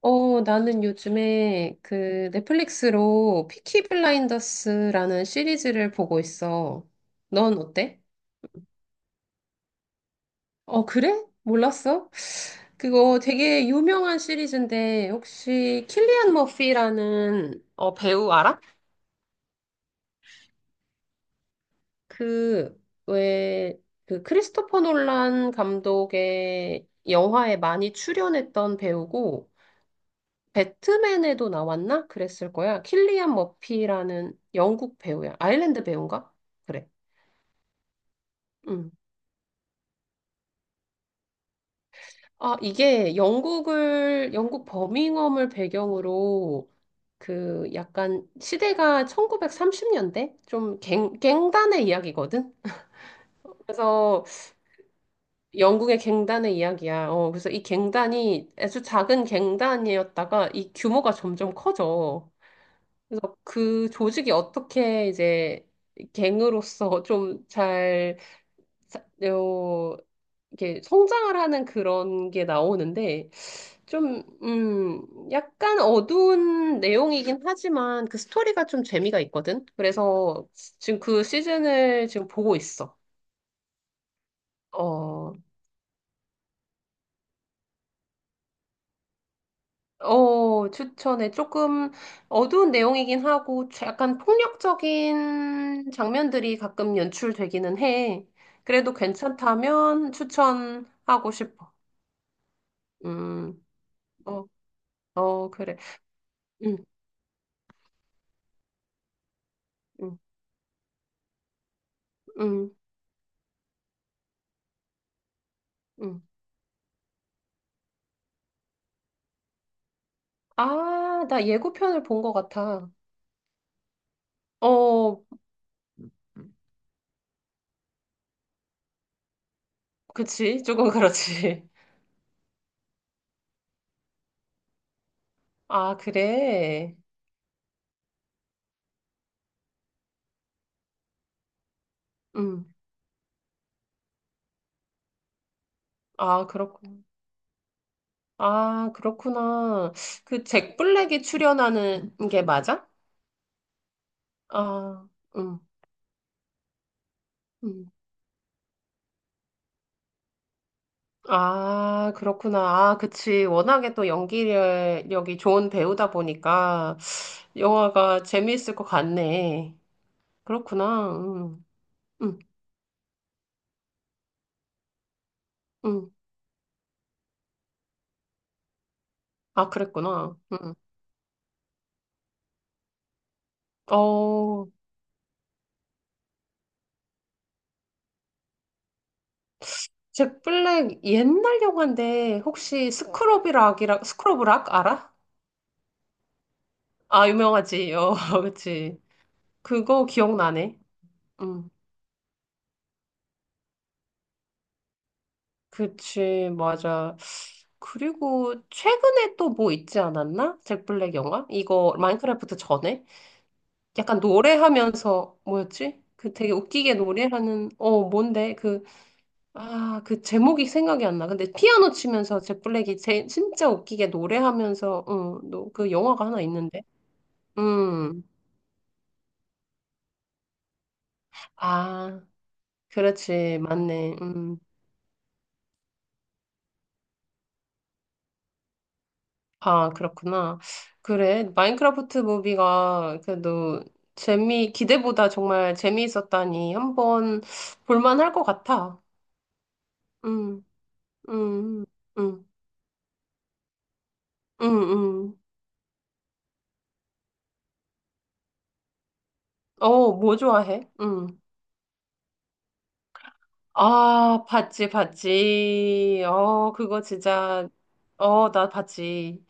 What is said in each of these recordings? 어, 나는 요즘에 그 넷플릭스로 피키 블라인더스라는 시리즈를 보고 있어. 넌 어때? 어, 그래? 몰랐어? 그거 되게 유명한 시리즈인데 혹시 킬리안 머피라는 어, 배우 알아? 그, 왜, 그 크리스토퍼 놀란 감독의 영화에 많이 출연했던 배우고 배트맨에도 나왔나? 그랬을 거야. 킬리안 머피라는 영국 배우야. 아일랜드 배우인가? 그래. 음. 아, 이게 영국을, 영국 버밍엄을 배경으로 그 약간 시대가 1930년대? 좀 갱단의 이야기거든? 그래서 영국의 갱단의 이야기야. 어, 그래서 이 갱단이 아주 작은 갱단이었다가 이 규모가 점점 커져. 그래서 그 조직이 어떻게 이제 갱으로서 좀 잘, 어, 이렇게 성장을 하는 그런 게 나오는데, 좀, 약간 어두운 내용이긴 하지만 그 스토리가 좀 재미가 있거든? 그래서 지금 그 시즌을 지금 보고 있어. 어, 어, 추천해. 조금 어두운 내용이긴 하고, 약간 폭력적인 장면들이 가끔 연출되기는 해. 그래도 괜찮다면 추천하고 싶어. 음, 어, 어, 그래. 음, 음, 음, 음. 아, 나 예고편을 본 것 같아. 어, 그치. 조금 그렇지. 아, 그래. 음, 아, 그렇구나. 아, 그렇구나. 그 잭 블랙이 출연하는 게 맞아? 아, 음, 음. 아, 그렇구나. 아, 그치. 워낙에 또 연기력이 좋은 배우다 보니까 영화가 재미있을 것 같네. 그렇구나. 음, 음. 아, 그랬구나. 음. 어, 잭 블랙 옛날 영화인데 혹시 스크럽락 알아? 아, 유명하지. 어, 그치. 그거 기억나네. 음. 그치, 맞아. 그리고 최근에 또 뭐 있지 않았나? 잭 블랙 영화? 이거 마인크래프트 전에? 약간 노래하면서 뭐였지? 그 되게 웃기게 노래하는 어 뭔데? 그 아, 그 제목이 생각이 안 나. 근데 피아노 치면서 잭 블랙이 진짜 웃기게 노래하면서 응, 그 영화가 하나 있는데. 음. 아, 그렇지. 맞네. 음. 아, 그렇구나. 그래. 마인크래프트 무비가 그래도 기대보다 정말 재미있었다니 한번 볼만할 것 같아. 음, 음, 음, 음, 음. 어, 뭐 좋아해? 음. 아, 봤지, 봤지. 어, 그거 진짜, 어, 나 봤지.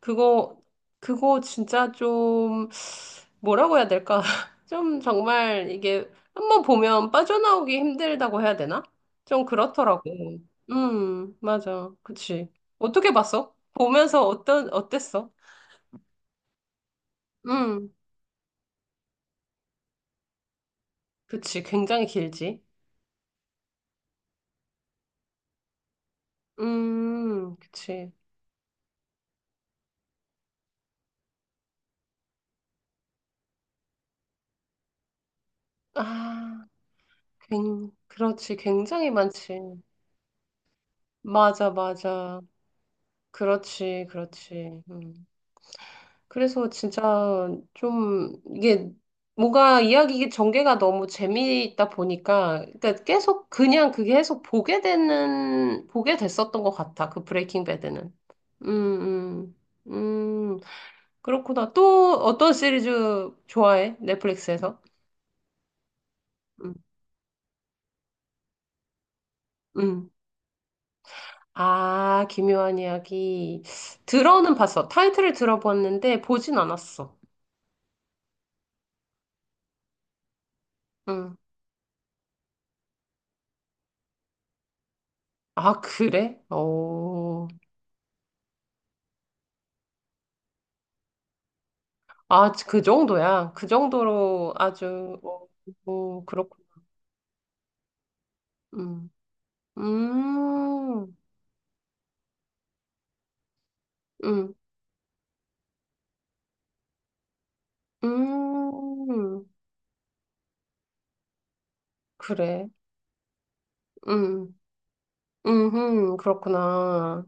그거, 그거 진짜 좀, 뭐라고 해야 될까? 좀 정말 이게 한번 보면 빠져나오기 힘들다고 해야 되나? 좀 그렇더라고. 맞아. 그치. 어떻게 봤어? 보면서 어떤, 어땠어? 음, 그치. 굉장히 길지. 그치. 아, 그렇지. 굉장히 많지. 맞아, 맞아. 그렇지, 그렇지. 음. 그래서 진짜 좀 이게 뭔가 이야기 전개가 너무 재미있다 보니까 그러니까 계속 그냥 그게 계속 보게 됐었던 것 같아. 그 브레이킹 배드는. 음, 음, 음. 그렇구나. 또 어떤 시리즈 좋아해? 넷플릭스에서? 음, 음. 아, 기묘한 이야기. 들어는 봤어. 타이틀을 들어봤는데 보진 않았어. 음. 아, 그래? 오 아, 그 정도야. 그 정도로 아주, 뭐, 뭐, 그렇군. 음, 음, 음, 음, 그래. 음, 그렇구나.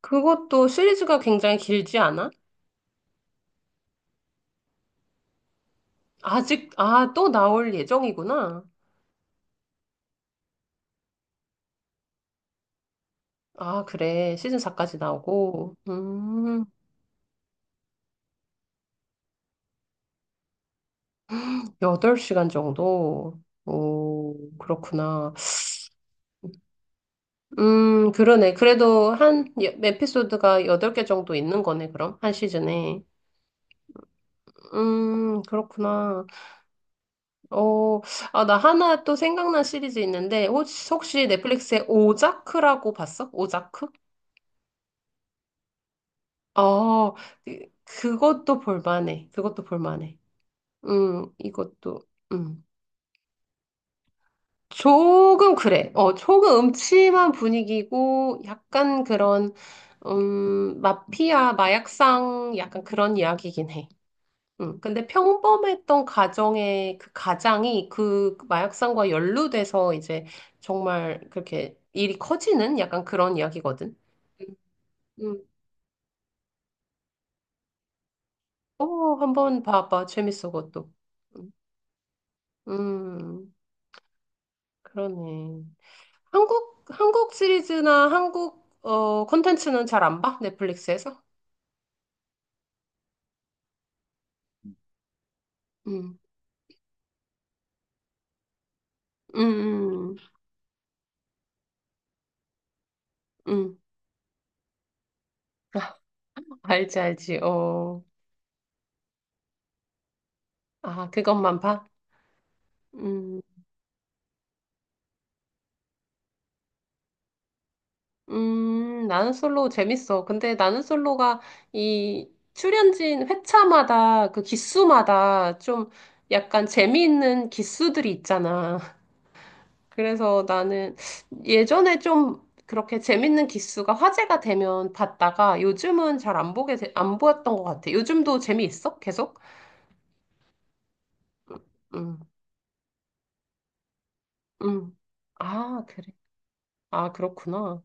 그것도 시리즈가 굉장히 길지 않아? 아직, 아, 또 나올 예정이구나. 아, 그래. 시즌 4까지 나오고. 8시간 정도. 오, 그렇구나. 그러네. 그래도 한 여- 에피소드가 8개 정도 있는 거네, 그럼. 한 시즌에. 그렇구나. 어, 아, 나 하나 또 생각난 시리즈 있는데, 혹시, 혹시 넷플릭스에 오자크라고 봤어? 오자크? 어, 그것도 볼만해. 그것도 볼만해. 이것도, 음. 조금 그래. 어, 조금 음침한 분위기고, 약간 그런, 마피아, 마약상, 약간 그런 이야기긴 해. 근데 평범했던 가정의 그 가장이 그 마약상과 연루돼서 이제 정말 그렇게 일이 커지는 약간 그런 이야기거든. 음, 음. 어, 한번 봐봐. 재밌어, 그것도. 음, 음, 그러네. 한국, 한국 시리즈나 한국, 어, 콘텐츠는 잘 안 봐? 넷플릭스에서? 음, 음, 음, 음. 알지, 알지. 어. 아, 그것만 봐? 응. 나는 솔로 재밌어. 근데 나는 솔로가 이 출연진 회차마다 그 기수마다 좀 약간 재미있는 기수들이 있잖아. 그래서 나는 예전에 좀 그렇게 재밌는 기수가 화제가 되면 봤다가 요즘은 잘 안 보게, 되- 안 보였던 것 같아. 요즘도 재미있어? 계속? 음, 음. 아, 그래. 아, 그렇구나.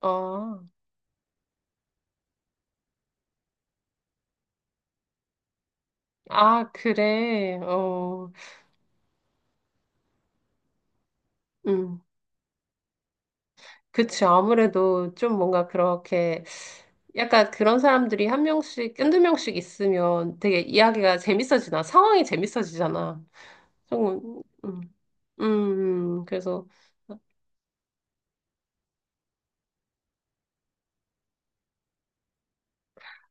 아, 아, 그래. 어, 음. 그치. 아무래도 좀 뭔가 그렇게 약간 그런 사람들이 한 명씩, 한두 명씩 있으면 되게 이야기가 재밌어지나, 상황이 재밌어지잖아. 조금, 그래서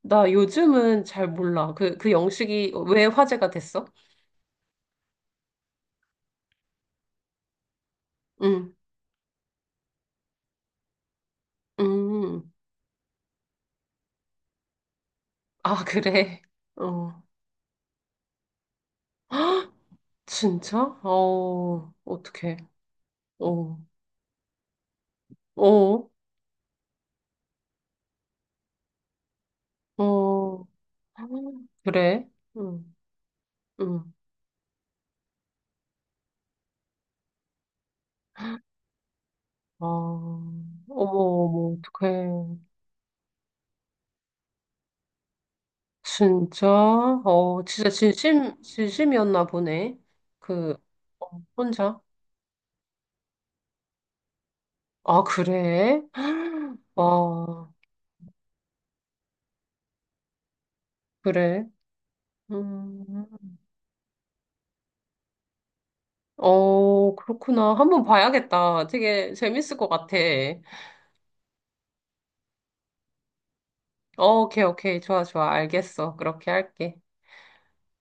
나 요즘은 잘 몰라. 그, 그 영식이 왜 화제가 됐어? 음, 음. 아, 그래. 어. 진짜? 어, 어떡해. 어, 어, 어. 그래. 응, 응. 아, 어머, 어머, 어떡해. 진짜? 어, 진짜 진심이었나 보네. 그, 어, 혼자? 아, 그래? 와, 그래. 음, 어, 그렇구나. 한번 봐야겠다. 되게 재밌을 것 같아. 어, 오케이, 오케이. 좋아, 좋아. 알겠어. 그렇게 할게.